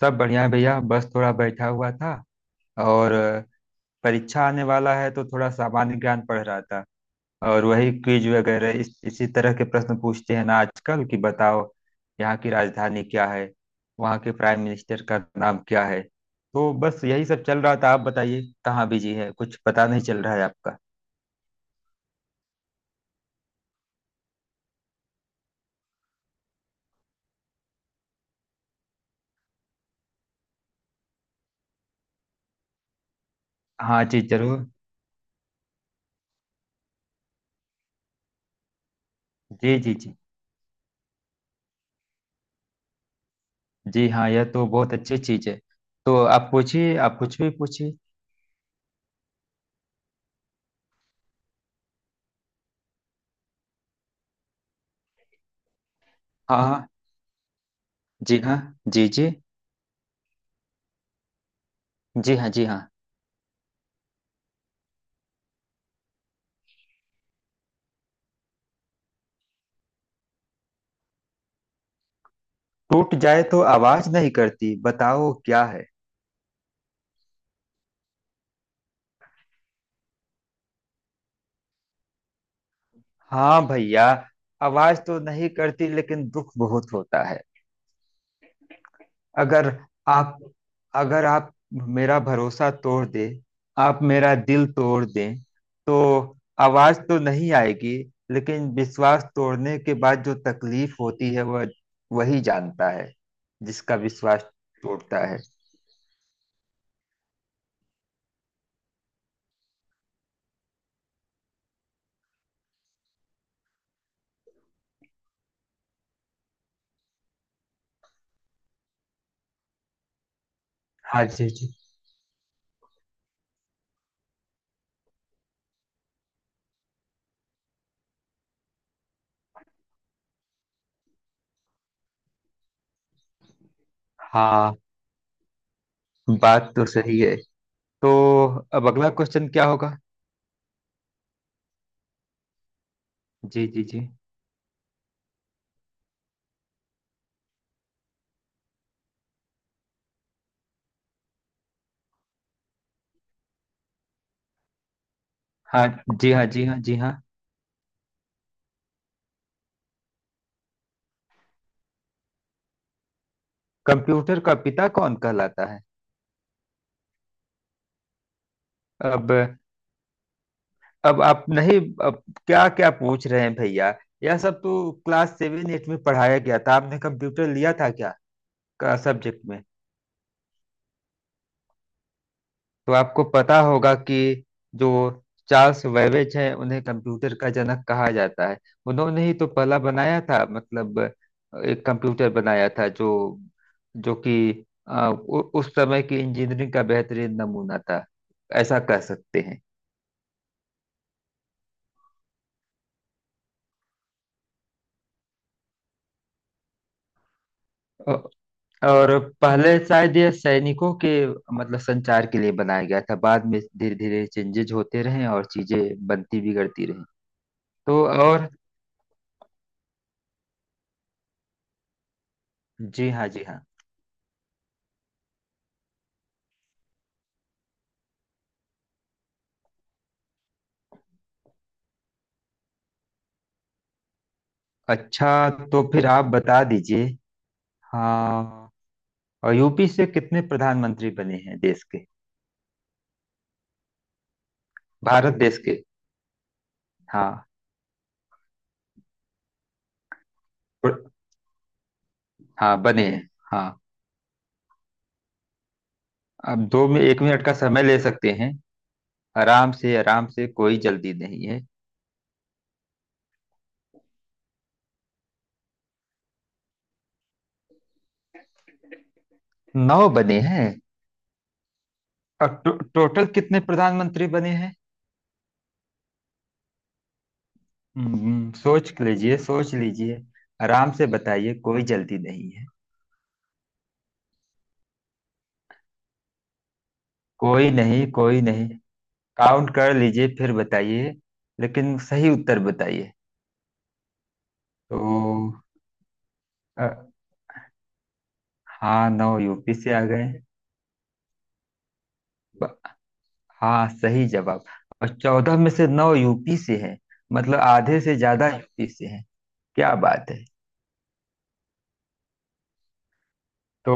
सब बढ़िया है भैया। बस थोड़ा बैठा हुआ था और परीक्षा आने वाला है तो थोड़ा सामान्य ज्ञान पढ़ रहा था। और वही क्विज वगैरह इस इसी तरह के प्रश्न पूछते हैं ना आजकल कि बताओ यहाँ की राजधानी क्या है, वहाँ के प्राइम मिनिस्टर का नाम क्या है। तो बस यही सब चल रहा था। आप बताइए कहाँ बिजी है, कुछ पता नहीं चल रहा है आपका। हाँ जी जरूर। जी जी जी। जी हाँ, यह तो बहुत अच्छी चीज है। तो आप पूछिए, आप कुछ भी पूछिए। हाँ हाँ। जी हाँ। जी जी। जी हाँ जी हाँ। टूट जाए तो आवाज नहीं करती, बताओ क्या है? हाँ भैया, आवाज तो नहीं करती लेकिन दुख बहुत होता है। अगर आप अगर आप मेरा भरोसा तोड़ दे, आप मेरा दिल तोड़ दें तो आवाज तो नहीं आएगी, लेकिन विश्वास तोड़ने के बाद जो तकलीफ होती है वह वही जानता है जिसका विश्वास टूटता है। हाँ जी जी। हाँ, बात तो सही है। तो अब अगला क्वेश्चन क्या होगा? जी जी जी। हाँ जी हाँ जी हाँ जी हाँ। कंप्यूटर का पिता कौन कहलाता है? अब अब आप नहीं, अब क्या क्या पूछ रहे हैं भैया? यह सब तो क्लास सेवन एट में पढ़ाया गया था। आपने कंप्यूटर लिया था क्या का सब्जेक्ट में? तो आपको पता होगा कि जो चार्ल्स वेबेज है उन्हें कंप्यूटर का जनक कहा जाता है। उन्होंने ही तो पहला बनाया था, मतलब एक कंप्यूटर बनाया था जो जो कि उस समय की इंजीनियरिंग का बेहतरीन नमूना था, ऐसा कह सकते हैं। अ- और पहले शायद ये सैनिकों के मतलब संचार के लिए बनाया गया था, बाद में धीरे धीरे चेंजेज होते रहे और चीजें बनती बिगड़ती रही। तो और जी हाँ जी हाँ। अच्छा, तो फिर आप बता दीजिए। हाँ, और यूपी से कितने प्रधानमंत्री बने हैं देश के, भारत देश के? हाँ और- हाँ बने हैं हाँ। अब दो में एक मिनट का समय ले सकते हैं, आराम से आराम से, कोई जल्दी नहीं है। नौ बने हैं। और टोटल कितने प्रधानमंत्री बने हैं? सोच लीजिए सोच लीजिए, आराम से बताइए, कोई जल्दी नहीं है। कोई नहीं कोई नहीं, काउंट कर लीजिए फिर बताइए, लेकिन सही उत्तर बताइए। तो अ, हाँ, नौ यूपी से आ गए। ब- हाँ सही जवाब। और 14 में से नौ यूपी से है, मतलब आधे से ज्यादा यूपी से है। क्या बात है! तो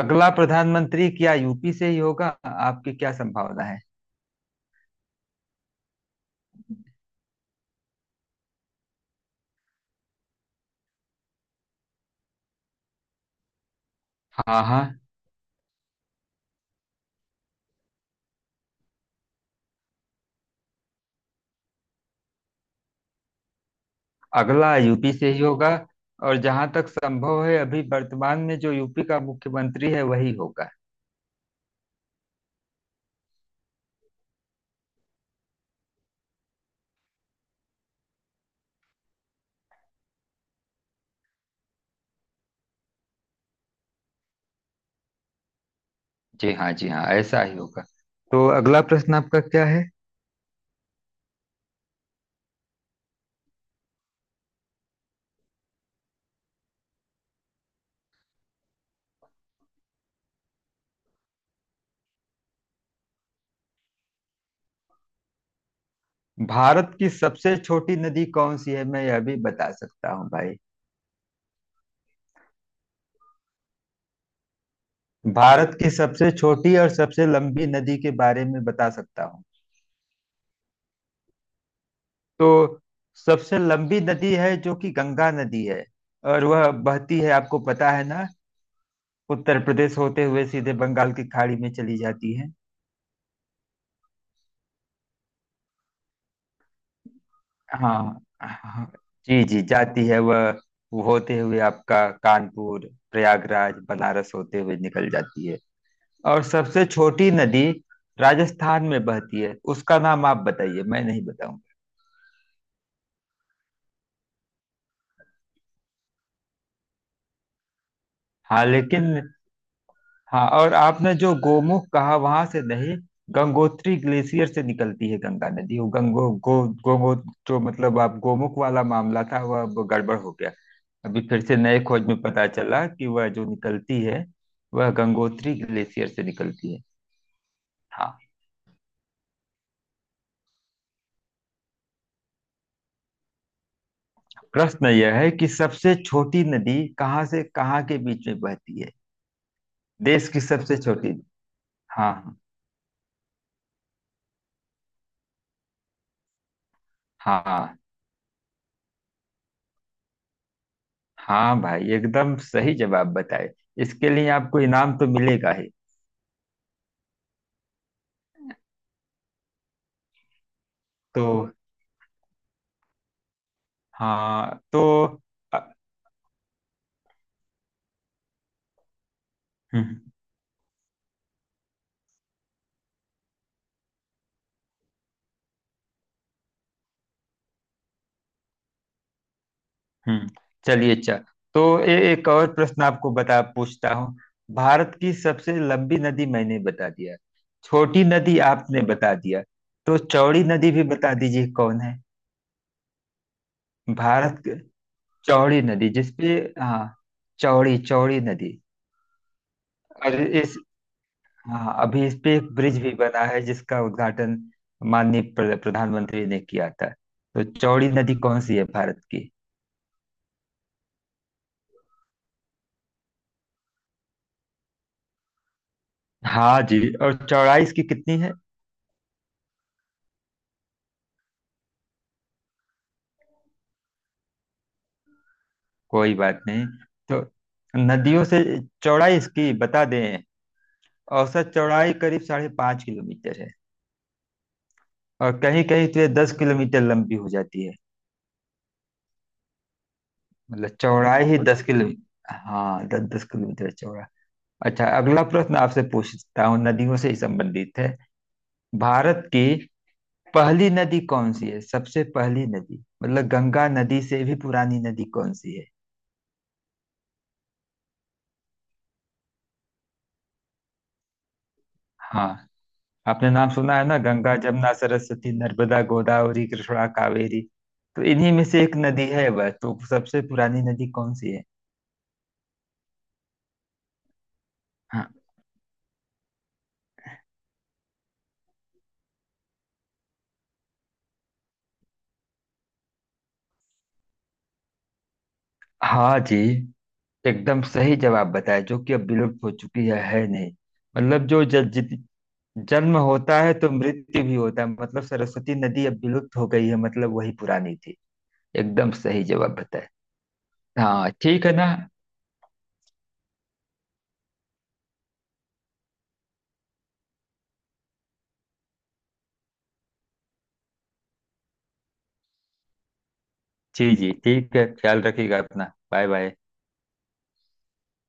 अगला प्रधानमंत्री क्या यूपी से ही होगा, आपकी क्या संभावना है? हाँ हाँ। अगला यूपी से ही होगा, और जहां तक संभव है अभी वर्तमान में जो यूपी का मुख्यमंत्री है वही होगा। जी हाँ जी हाँ, ऐसा ही होगा। तो अगला प्रश्न आपका क्या है? भारत की सबसे छोटी नदी कौन सी है, मैं यह भी बता सकता हूँ भाई। भारत की सबसे छोटी और सबसे लंबी नदी के बारे में बता सकता हूँ। तो सबसे लंबी नदी है जो कि गंगा नदी है, और वह बहती है, आपको पता है ना, उत्तर प्रदेश होते हुए सीधे बंगाल की खाड़ी में चली जाती है। हाँ हाँ। जी जी, जाती है वह। वो होते हुए आपका कानपुर प्रयागराज बनारस होते हुए निकल जाती है। और सबसे छोटी नदी राजस्थान में बहती है, उसका नाम आप बताइए, मैं नहीं बताऊंगा। हाँ, लेकिन हाँ, और आपने जो गोमुख कहा वहां से नहीं, गंगोत्री ग्लेशियर से निकलती है गंगा नदी। वो गंगो गो गोमो जो, मतलब आप गोमुख वाला मामला था वह अब गड़बड़ हो गया। अभी फिर से नए खोज में पता चला कि वह जो निकलती है वह गंगोत्री ग्लेशियर से निकलती है। हाँ। प्रश्न यह है कि सबसे छोटी नदी कहाँ से कहाँ के बीच में बहती है, देश की सबसे छोटी। हाँ हाँ हाँ हाँ। भाई, एकदम सही जवाब बताए, इसके लिए आपको इनाम तो मिलेगा ही। तो और हाँ तो अ, हम्म। हम्म, चलिए, अच्छा। तो एक और प्रश्न आपको बता पूछता हूँ। भारत की सबसे लंबी नदी मैंने बता दिया, छोटी नदी आपने बता दिया, तो चौड़ी नदी भी बता दीजिए कौन है? भारत के- चौड़ी नदी जिसपे, हाँ, चौड़ी चौड़ी नदी, और इस, हाँ अभी इस पे एक ब्रिज भी बना है जिसका उद्घाटन माननीय प्रधानमंत्री ने किया था। तो चौड़ी नदी कौन सी है भारत की? हाँ जी, और चौड़ाई इसकी कितनी है? कोई बात नहीं। तो नदियों से, चौड़ाई इसकी बता दें। औसत चौड़ाई करीब 5.5 किलोमीटर है, और कहीं कहीं तो ये 10 किलोमीटर लंबी हो जाती है। मतलब चौड़ाई ही 10 किलोमीटर, हाँ दस दस किलोमीटर चौड़ा। अच्छा, अगला प्रश्न आपसे पूछता हूँ, नदियों से ही संबंधित है। भारत की पहली नदी कौन सी है, सबसे पहली नदी, मतलब गंगा नदी से भी पुरानी नदी कौन सी है? हाँ, आपने नाम सुना है ना - गंगा, जमुना, सरस्वती, नर्मदा, गोदावरी, कृष्णा, कावेरी। तो इन्हीं में से एक नदी है वह, तो सबसे पुरानी नदी कौन सी है? हाँ हाँ जी, एकदम सही जवाब बताया, जो कि अब विलुप्त हो चुकी है नहीं। मतलब जो जन्म होता है तो मृत्यु भी होता है, मतलब सरस्वती नदी अब विलुप्त हो गई है, मतलब वही पुरानी थी। एकदम सही जवाब बताया। हाँ ठीक है ना। जी जी ठीक है, ख्याल रखिएगा अपना, बाय बाय।